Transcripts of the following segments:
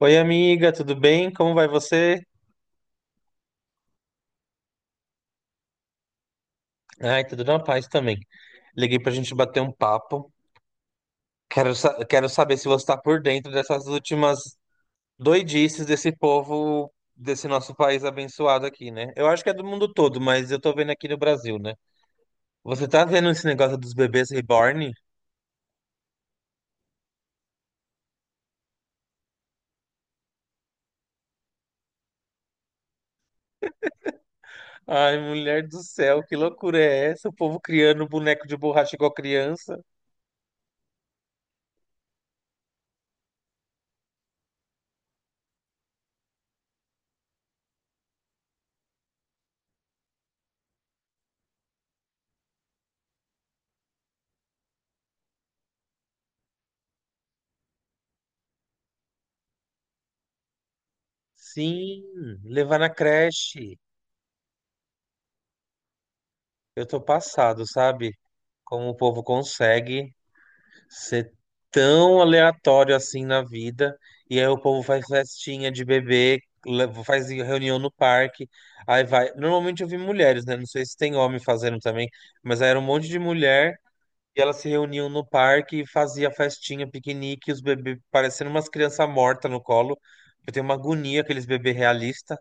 Oi, amiga, tudo bem? Como vai você? Ai, tudo na paz também. Liguei pra gente bater um papo. Quero saber se você tá por dentro dessas últimas doidices desse povo, desse nosso país abençoado aqui, né? Eu acho que é do mundo todo, mas eu tô vendo aqui no Brasil, né? Você tá vendo esse negócio dos bebês reborn? Ai, mulher do céu, que loucura é essa? O povo criando boneco de borracha igual criança? Sim, levar na creche. Eu tô passado, sabe? Como o povo consegue ser tão aleatório assim na vida. E aí o povo faz festinha de bebê, faz reunião no parque. Aí vai. Normalmente eu vi mulheres, né? Não sei se tem homem fazendo também, mas aí era um monte de mulher. E elas se reuniam no parque e fazia festinha, piquenique, os bebês parecendo umas crianças mortas no colo. Eu tenho uma agonia aqueles bebês realistas.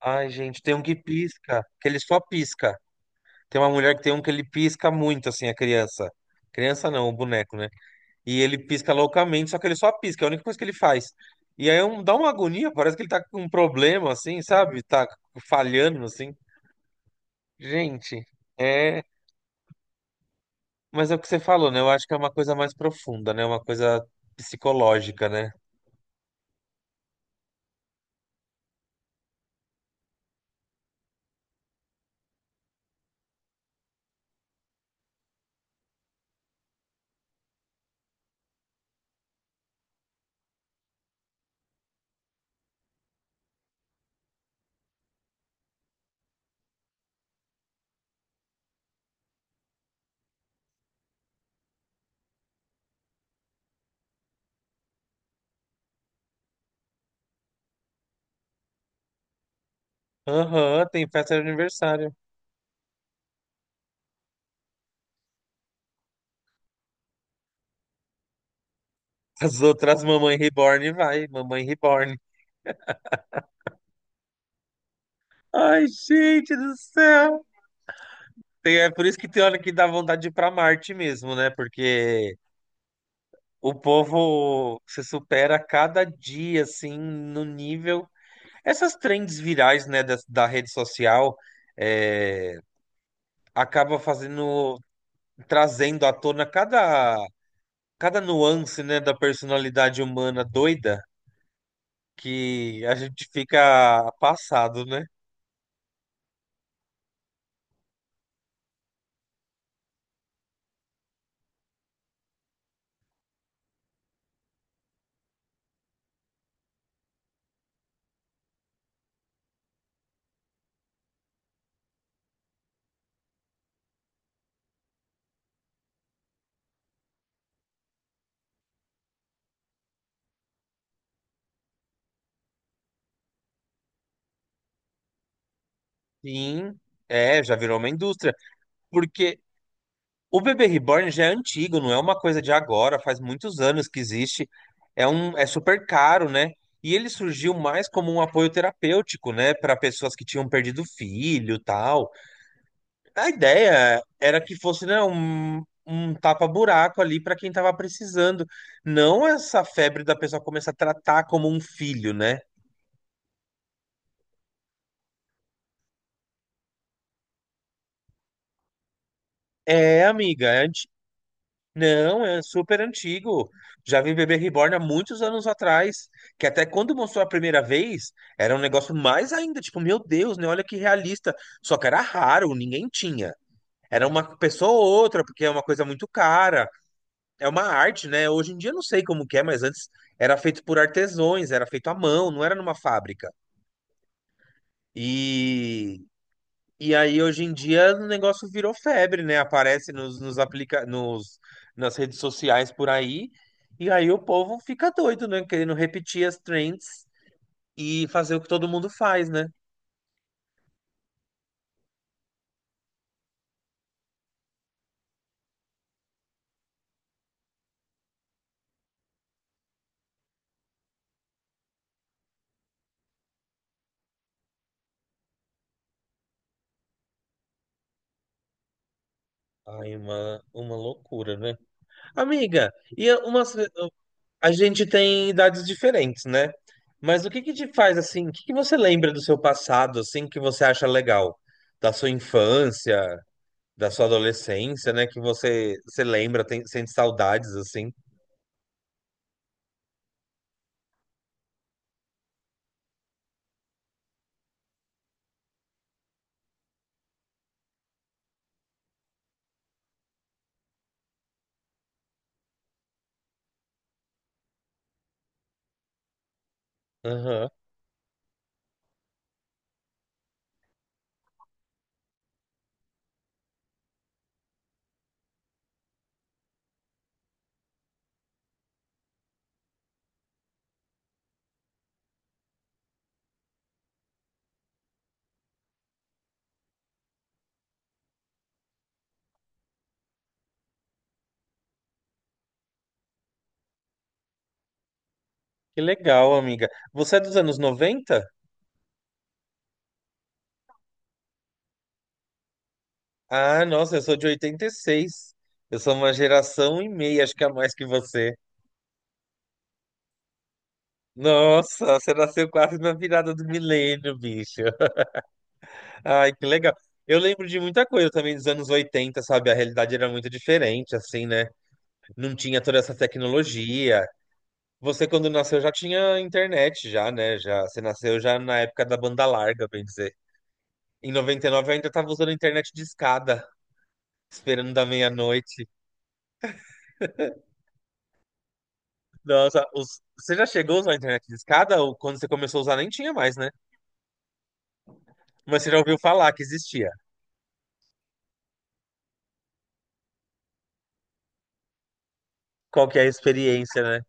Ai, gente, tem um que pisca, que ele só pisca. Tem uma mulher que tem um que ele pisca muito, assim, a criança. Criança não, o boneco, né? E ele pisca loucamente, só que ele só pisca, é a única coisa que ele faz. E aí é um- dá uma agonia, parece que ele tá com um problema, assim, sabe? Tá falhando, assim. Gente, é. Mas é o que você falou, né? Eu acho que é uma coisa mais profunda, né? Uma coisa psicológica, né? Aham, tem festa de aniversário. As outras Mamãe Reborn vai, Mamãe Reborn. Ai, gente do céu! Tem- é por isso que tem hora que dá vontade de ir pra Marte mesmo, né? Porque o povo se supera a cada dia, assim, no nível. Essas trends virais, né, da rede social, é, acaba fazendo, trazendo à tona cada nuance, né, da personalidade humana doida que a gente fica passado, né? Sim, é, já virou uma indústria. Porque o bebê reborn já é antigo, não é uma coisa de agora, faz muitos anos que existe. É super caro, né? E ele surgiu mais como um apoio terapêutico, né, para pessoas que tinham perdido filho, tal. A ideia era que fosse, né, um tapa-buraco ali para quem tava precisando, não essa febre da pessoa começar a tratar como um filho, né? É, amiga, não, é super antigo. Já vi Bebê Reborn há muitos anos atrás, que até quando mostrou a primeira vez, era um negócio mais ainda, tipo, meu Deus, né? Olha que realista. Só que era raro, ninguém tinha. Era uma pessoa ou outra, porque é uma coisa muito cara. É uma arte, né? Hoje em dia eu não sei como que é, mas antes era feito por artesões, era feito à mão, não era numa fábrica. E aí, hoje em dia, o negócio virou febre, né? Aparece nos, nas redes sociais por aí. E aí o povo fica doido, né? Querendo repetir as trends e fazer o que todo mundo faz, né? Ai, uma loucura, né? Amiga, a gente tem idades diferentes, né? Mas o que que te faz assim? O que que você lembra do seu passado, assim, que você acha legal? Da sua infância, da sua adolescência, né? Que você, você lembra, tem, sente saudades, assim. Aham. Que legal, amiga. Você é dos anos 90. Ah, nossa, eu sou de 86. Eu sou uma geração e meia, acho que a mais que você. Nossa, você nasceu quase na virada do milênio, bicho. Ai, que legal. Eu lembro de muita coisa também dos anos 80, sabe? A realidade era muito diferente, assim, né? Não tinha toda essa tecnologia. Você, quando nasceu, já tinha internet, já, né? Já, você nasceu já na época da banda larga, bem dizer. Em 99, eu ainda tava usando internet de escada, esperando da meia-noite. Nossa, os- você já chegou a usar a internet de escada? Ou quando você começou a usar nem tinha mais, né? Mas você já ouviu falar que existia. Qual que é a experiência, né?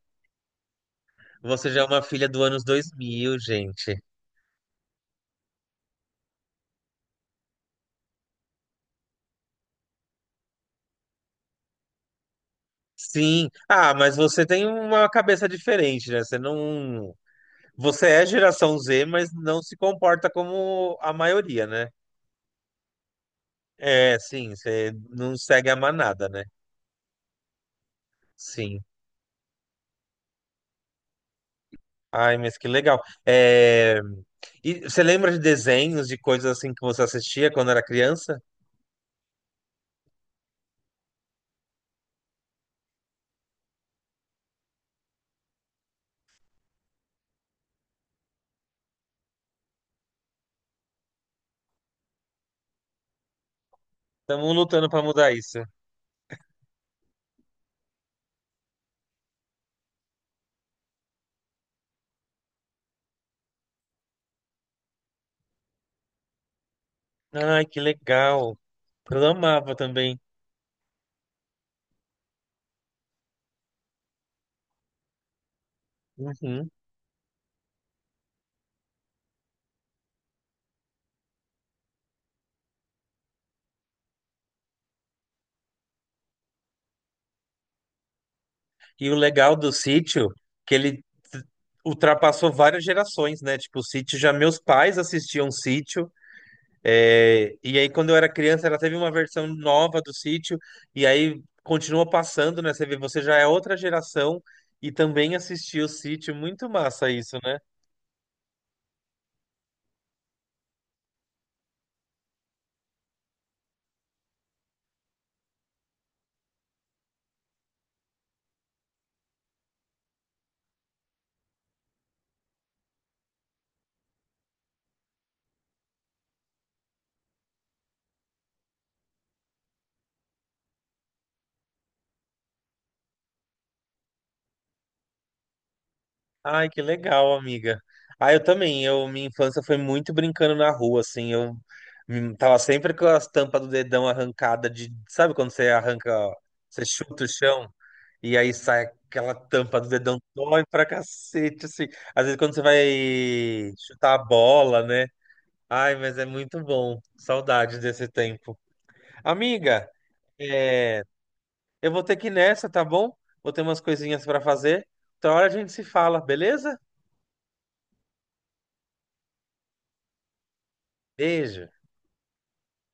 Você já é uma filha do anos 2000, gente. Sim. Ah, mas você tem uma cabeça diferente, né? Você não... Você é geração Z, mas não se comporta como a maioria, né? É, sim. Você não segue a manada, né? Sim. Ai, mas que legal. É... e você lembra de desenhos, de coisas assim que você assistia quando era criança? Estamos lutando para mudar isso. Ai, que legal. Eu amava também. Uhum. E o legal do sítio, que ele t- ultrapassou várias gerações, né? Tipo, o sítio já meus pais assistiam sítio. É, e aí, quando eu era criança, ela teve uma versão nova do sítio. E aí continua passando, né? Você vê, você já é outra geração e também assistiu o sítio. Muito massa isso, né? Ai, que legal, amiga. Ah, eu também. Eu, minha infância foi muito brincando na rua, assim. Eu tava sempre com as tampas do dedão arrancada de, sabe quando você arranca, você chuta o chão e aí sai aquela tampa do dedão, dói pra cacete, assim. Às vezes quando você vai chutar a bola, né? Ai, mas é muito bom. Saudades desse tempo. Amiga, é, eu vou ter que ir nessa, tá bom? Vou ter umas coisinhas pra fazer. Outra hora a gente se fala, beleza? Beijo.